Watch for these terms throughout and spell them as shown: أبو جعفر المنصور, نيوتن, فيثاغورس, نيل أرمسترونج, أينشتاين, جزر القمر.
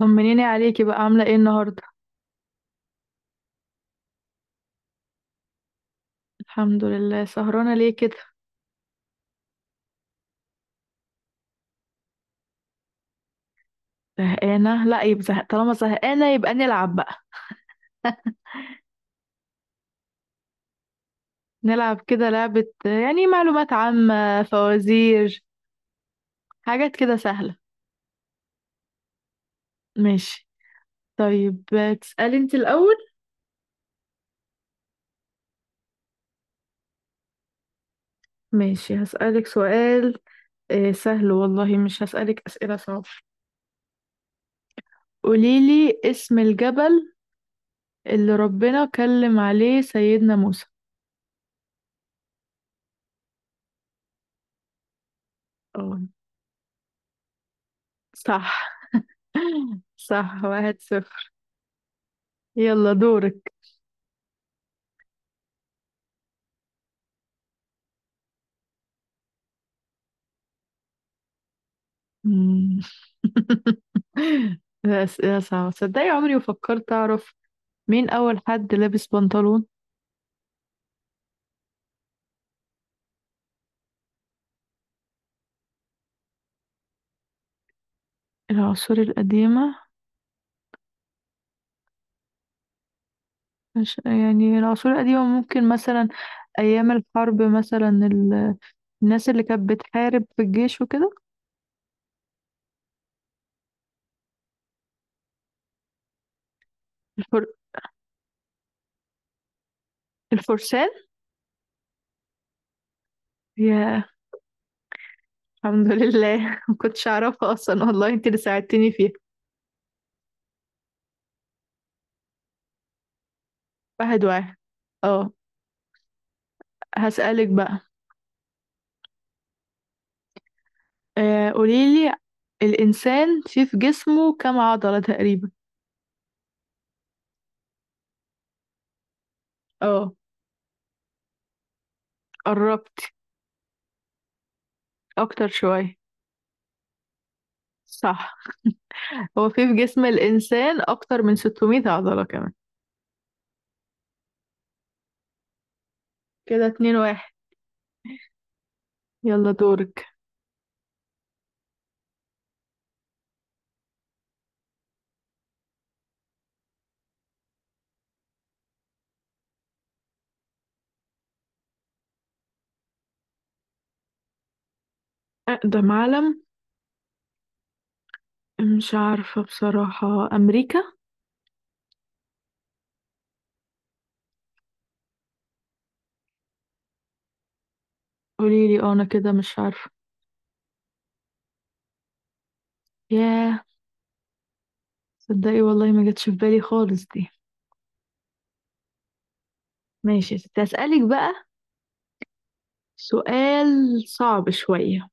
طمنيني عليكي بقى عاملة ايه النهاردة. الحمد لله. سهرانة ليه كده؟ زهقانة؟ لا يبقى زهق، طالما زهقانة يبقى نلعب بقى. نلعب كده لعبة، يعني معلومات عامة، فوازير، حاجات كده سهلة. ماشي. طيب، تسألي انت الأول؟ ماشي، هسألك سؤال. سهل والله، مش هسألك أسئلة صعبة. قوليلي اسم الجبل اللي ربنا كلم عليه سيدنا موسى. اه صح. صح، واحد صفر. يلا دورك. ده أسئلة صعبة، تصدقي عمري وفكرت أعرف مين أول حد لابس بنطلون. العصور القديمة. مش يعني العصور القديمة، ممكن مثلا أيام الحرب مثلا الناس اللي كانت بتحارب في الجيش وكده. الفر... الفرسان. يا. الحمد لله. ما كنتش أعرفها أصلا والله، أنت اللي ساعدتني فيها. واحد واحد، اه. هسألك بقى. قوليلي، الإنسان فيه في جسمه كام عضلة تقريبا؟ اه قربت، أكتر شوية. صح، هو في جسم الإنسان أكتر من 600 عضلة كمان. كده اتنين واحد. يلا دورك. أقدم علم. مش عارفة بصراحة، أمريكا؟ قوليلي أه، أنا كده مش عارفة. ياه، تصدقي والله ما جاتش في بالي خالص دي. ماشي يا ستي، هسألك بقى سؤال صعب شوية.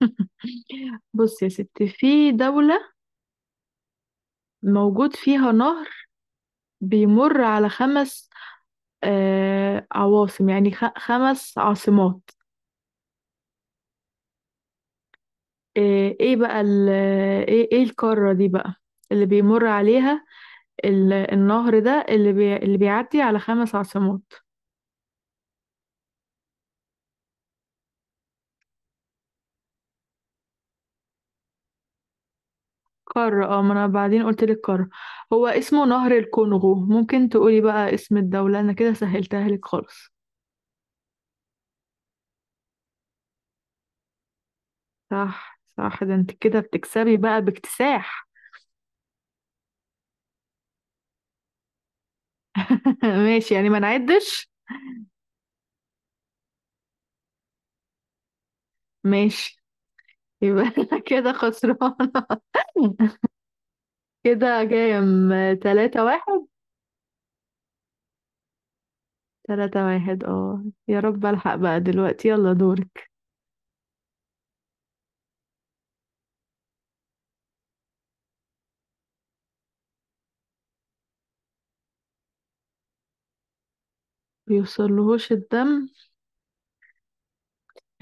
بص يا ستي، في دولة موجود فيها نهر بيمر على خمس، آه، عواصم، يعني خمس عاصمات. إيه إيه بقى ال إيه القارة دي بقى اللي بيمر عليها، النهر ده اللي بيعدي على خمس عاصمات. قارة اه، ما أنا بعدين قلت لك قارة. هو اسمه نهر الكونغو، ممكن تقولي بقى اسم الدولة؟ أنا كده سهلتها لك خالص. صح صح، ده أنت كده بتكسبي بقى باكتساح. ماشي يعني، ما نعدش. ماشي، يبقى أنا كده خسران. كده كام؟ تلاتة واحد. تلاتة واحد اه، يا رب ألحق بقى دلوقتي. يلا دور. بيوصلهوش الدم؟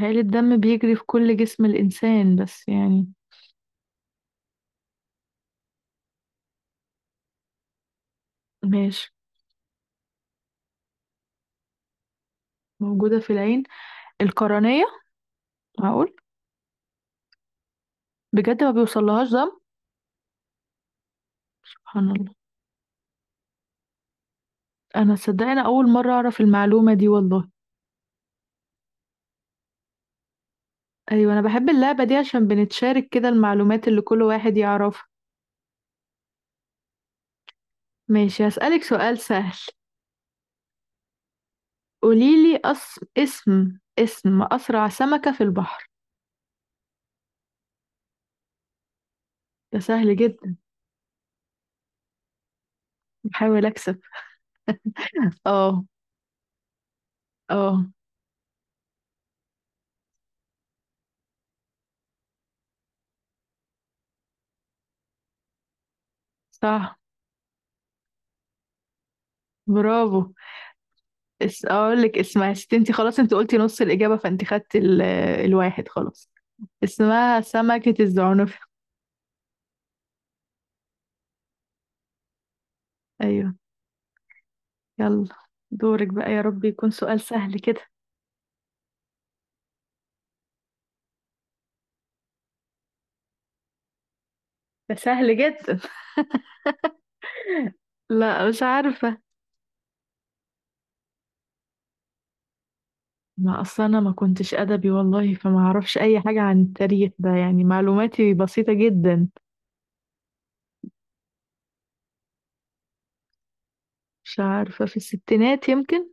هل الدم بيجري في كل جسم الإنسان بس يعني؟ ماشي. موجودة في العين، القرنية. معقول! بجد ما بيوصلهاش دم! سبحان الله، أنا صدقني أول مرة أعرف المعلومة دي والله. أيوة، أنا بحب اللعبة دي عشان بنتشارك كده المعلومات اللي كل واحد يعرفها. ماشي، هسألك سؤال سهل. قوليلي اسم أسرع سمكة في البحر. ده سهل جدا. بحاول أكسب. اه. اه صح، برافو. اقول لك اسمها ست، انت خلاص انت قلتي نص الإجابة، فانت خدت الواحد خلاص. اسمها سمكة الزعنف. ايوه. يلا دورك بقى، يا رب يكون سؤال سهل كده. ده سهل جدا. لا مش عارفة. ما اصل انا ما كنتش ادبي والله، فما اعرفش اي حاجة عن التاريخ ده، يعني معلوماتي بسيطة جدا. مش عارفة، في الستينات يمكن.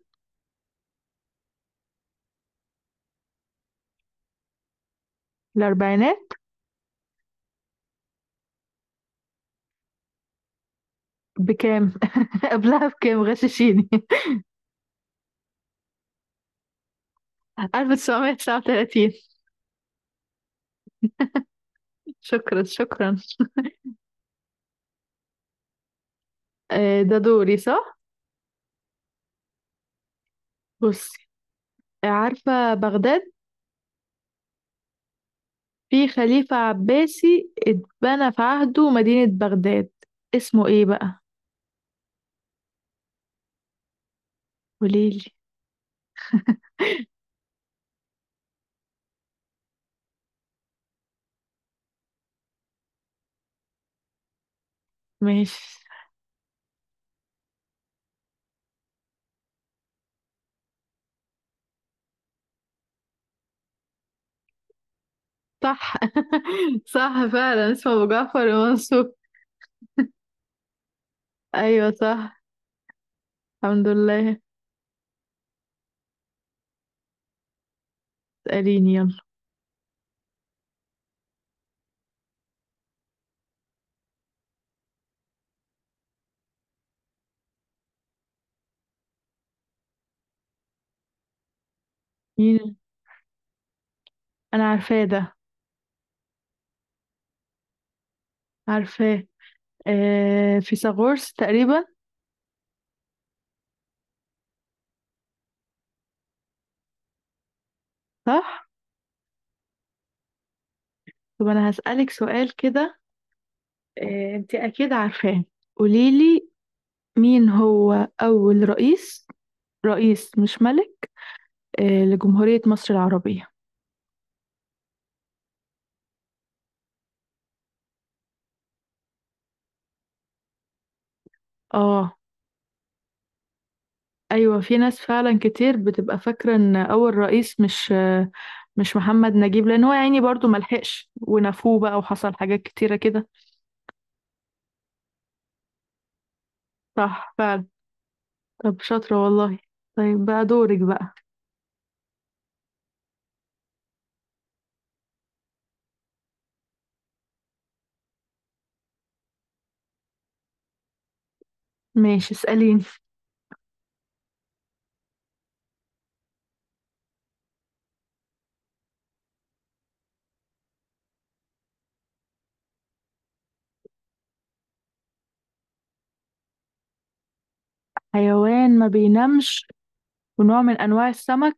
الاربعينات. بكام؟ قبلها بكام؟ غششيني. 1939. شكرا شكرا. ده دوري صح؟ بصي، عارفة بغداد؟ في خليفة عباسي اتبنى في عهده مدينة بغداد، اسمه ايه بقى؟ قوليلي. ماشي. صح. صح فعلا، اسمه أبو جعفر المنصور. أيوة صح، الحمد لله. اسأليني يلا. مين؟ أنا عارفاه ده، عارفاه. آه فيثاغورس تقريبا. صح. طب أنا هسألك سؤال كده، آه أنت أكيد عارفاه. قوليلي، مين هو أول رئيس، رئيس مش ملك، لجمهورية مصر العربية؟ اه. ايوه، في ناس فعلا كتير بتبقى فاكرة ان اول رئيس مش، مش محمد نجيب، لان هو يعني برضو ملحقش ونفوه بقى وحصل حاجات كتيرة كده. صح فعلا، طب شاطرة والله، طيب بقى دورك بقى. ماشي اسأليني. حيوان ما بينامش ونوع من انواع السمك.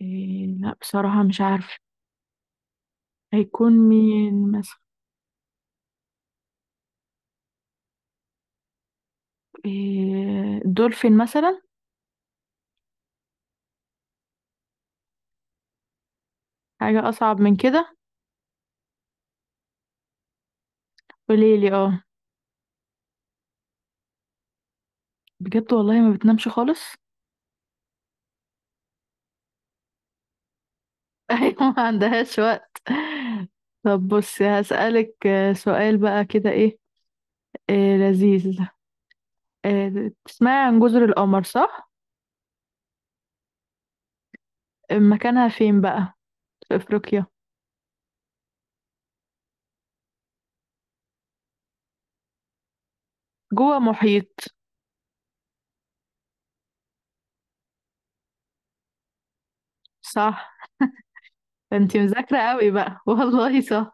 إيه، لا بصراحة مش عارفة، هيكون مين مثلا؟ إيه، دولفين مثلا؟ حاجة اصعب من كده. قوليلي اه. بجد والله ما بتنامش خالص؟ أيوة، ما عندهاش وقت. طب بصي، هسألك سؤال بقى كده إيه، لذيذ. تسمعي عن جزر القمر صح؟ مكانها فين بقى؟ في أفريقيا؟ جوه محيط؟ صح. انتي مذاكرة قوي بقى. والله صح.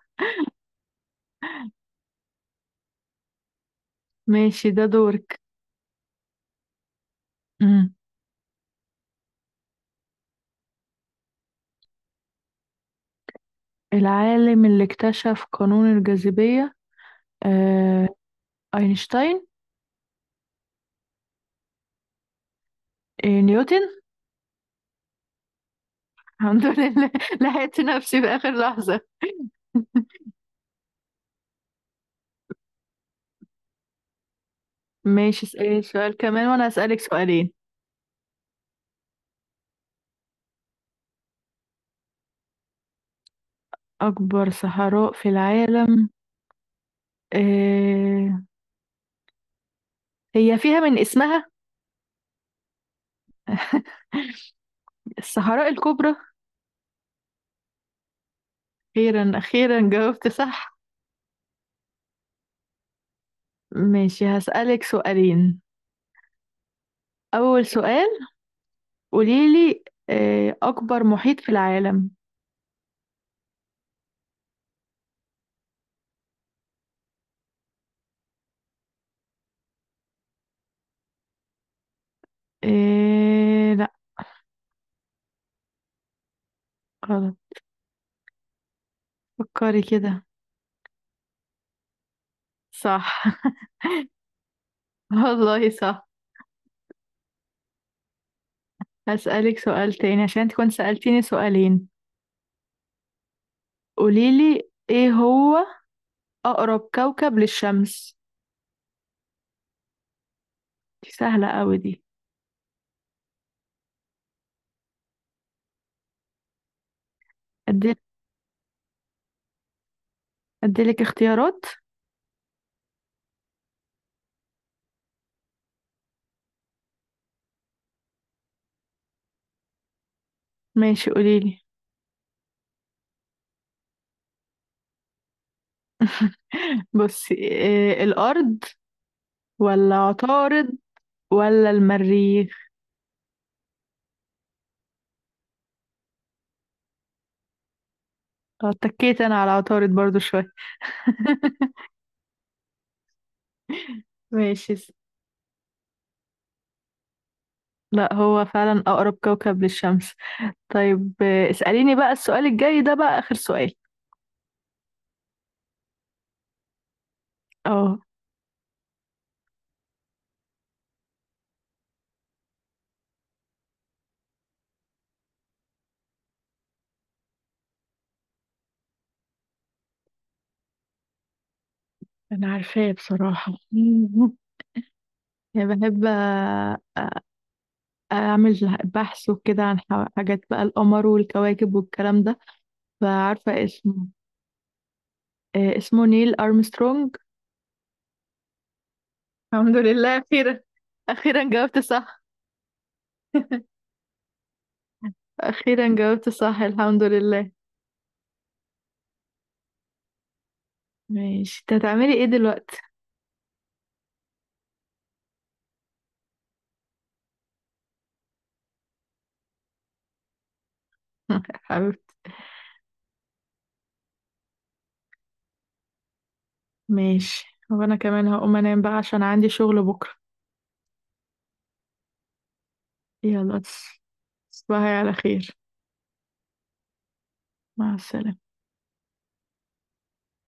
ماشي، ده دورك. مم. العالم اللي اكتشف قانون الجاذبية؟ آه، أينشتاين. نيوتن. الحمد لله، لحقت نفسي في آخر لحظة. ماشي، اسألي سؤال كمان وأنا هسألك سؤالين. أكبر صحراء في العالم؟ آه، هي فيها من اسمها. الصحراء الكبرى. أخيرا أخيرا جاوبت صح. ماشي هسألك سؤالين، أول سؤال، قوليلي أكبر محيط في العالم. لا غلط. فكري كده. صح. والله صح. هسألك سؤال تاني عشان انت كنت سألتيني سؤالين. قوليلي، ايه هو أقرب كوكب للشمس؟ دي سهلة أوي دي. أدي- أديلك اختيارات. ماشي قوليلي. بصي إيه، الأرض، ولا عطارد، ولا المريخ؟ اتكيت أنا على عطارد برضو شوية. ماشي لا، هو فعلا أقرب كوكب للشمس. طيب اسأليني بقى السؤال الجاي ده، بقى آخر سؤال. اه. أنا عارفاه بصراحة. يعني بحب أعمل بحث وكده عن حاجات بقى، القمر والكواكب والكلام ده، فعارفة اسمه. اسمه نيل أرمسترونج. الحمد لله خير. أخيرا جاوبت صح. أخيرا جاوبت صح، الحمد لله. ماشي، انت هتعملي ايه دلوقتي؟ حبيبتي. ماشي، وأنا كمان هقوم أنام بقى عشان عندي شغل بكرة. يلا، تصبحي على خير. مع السلامة.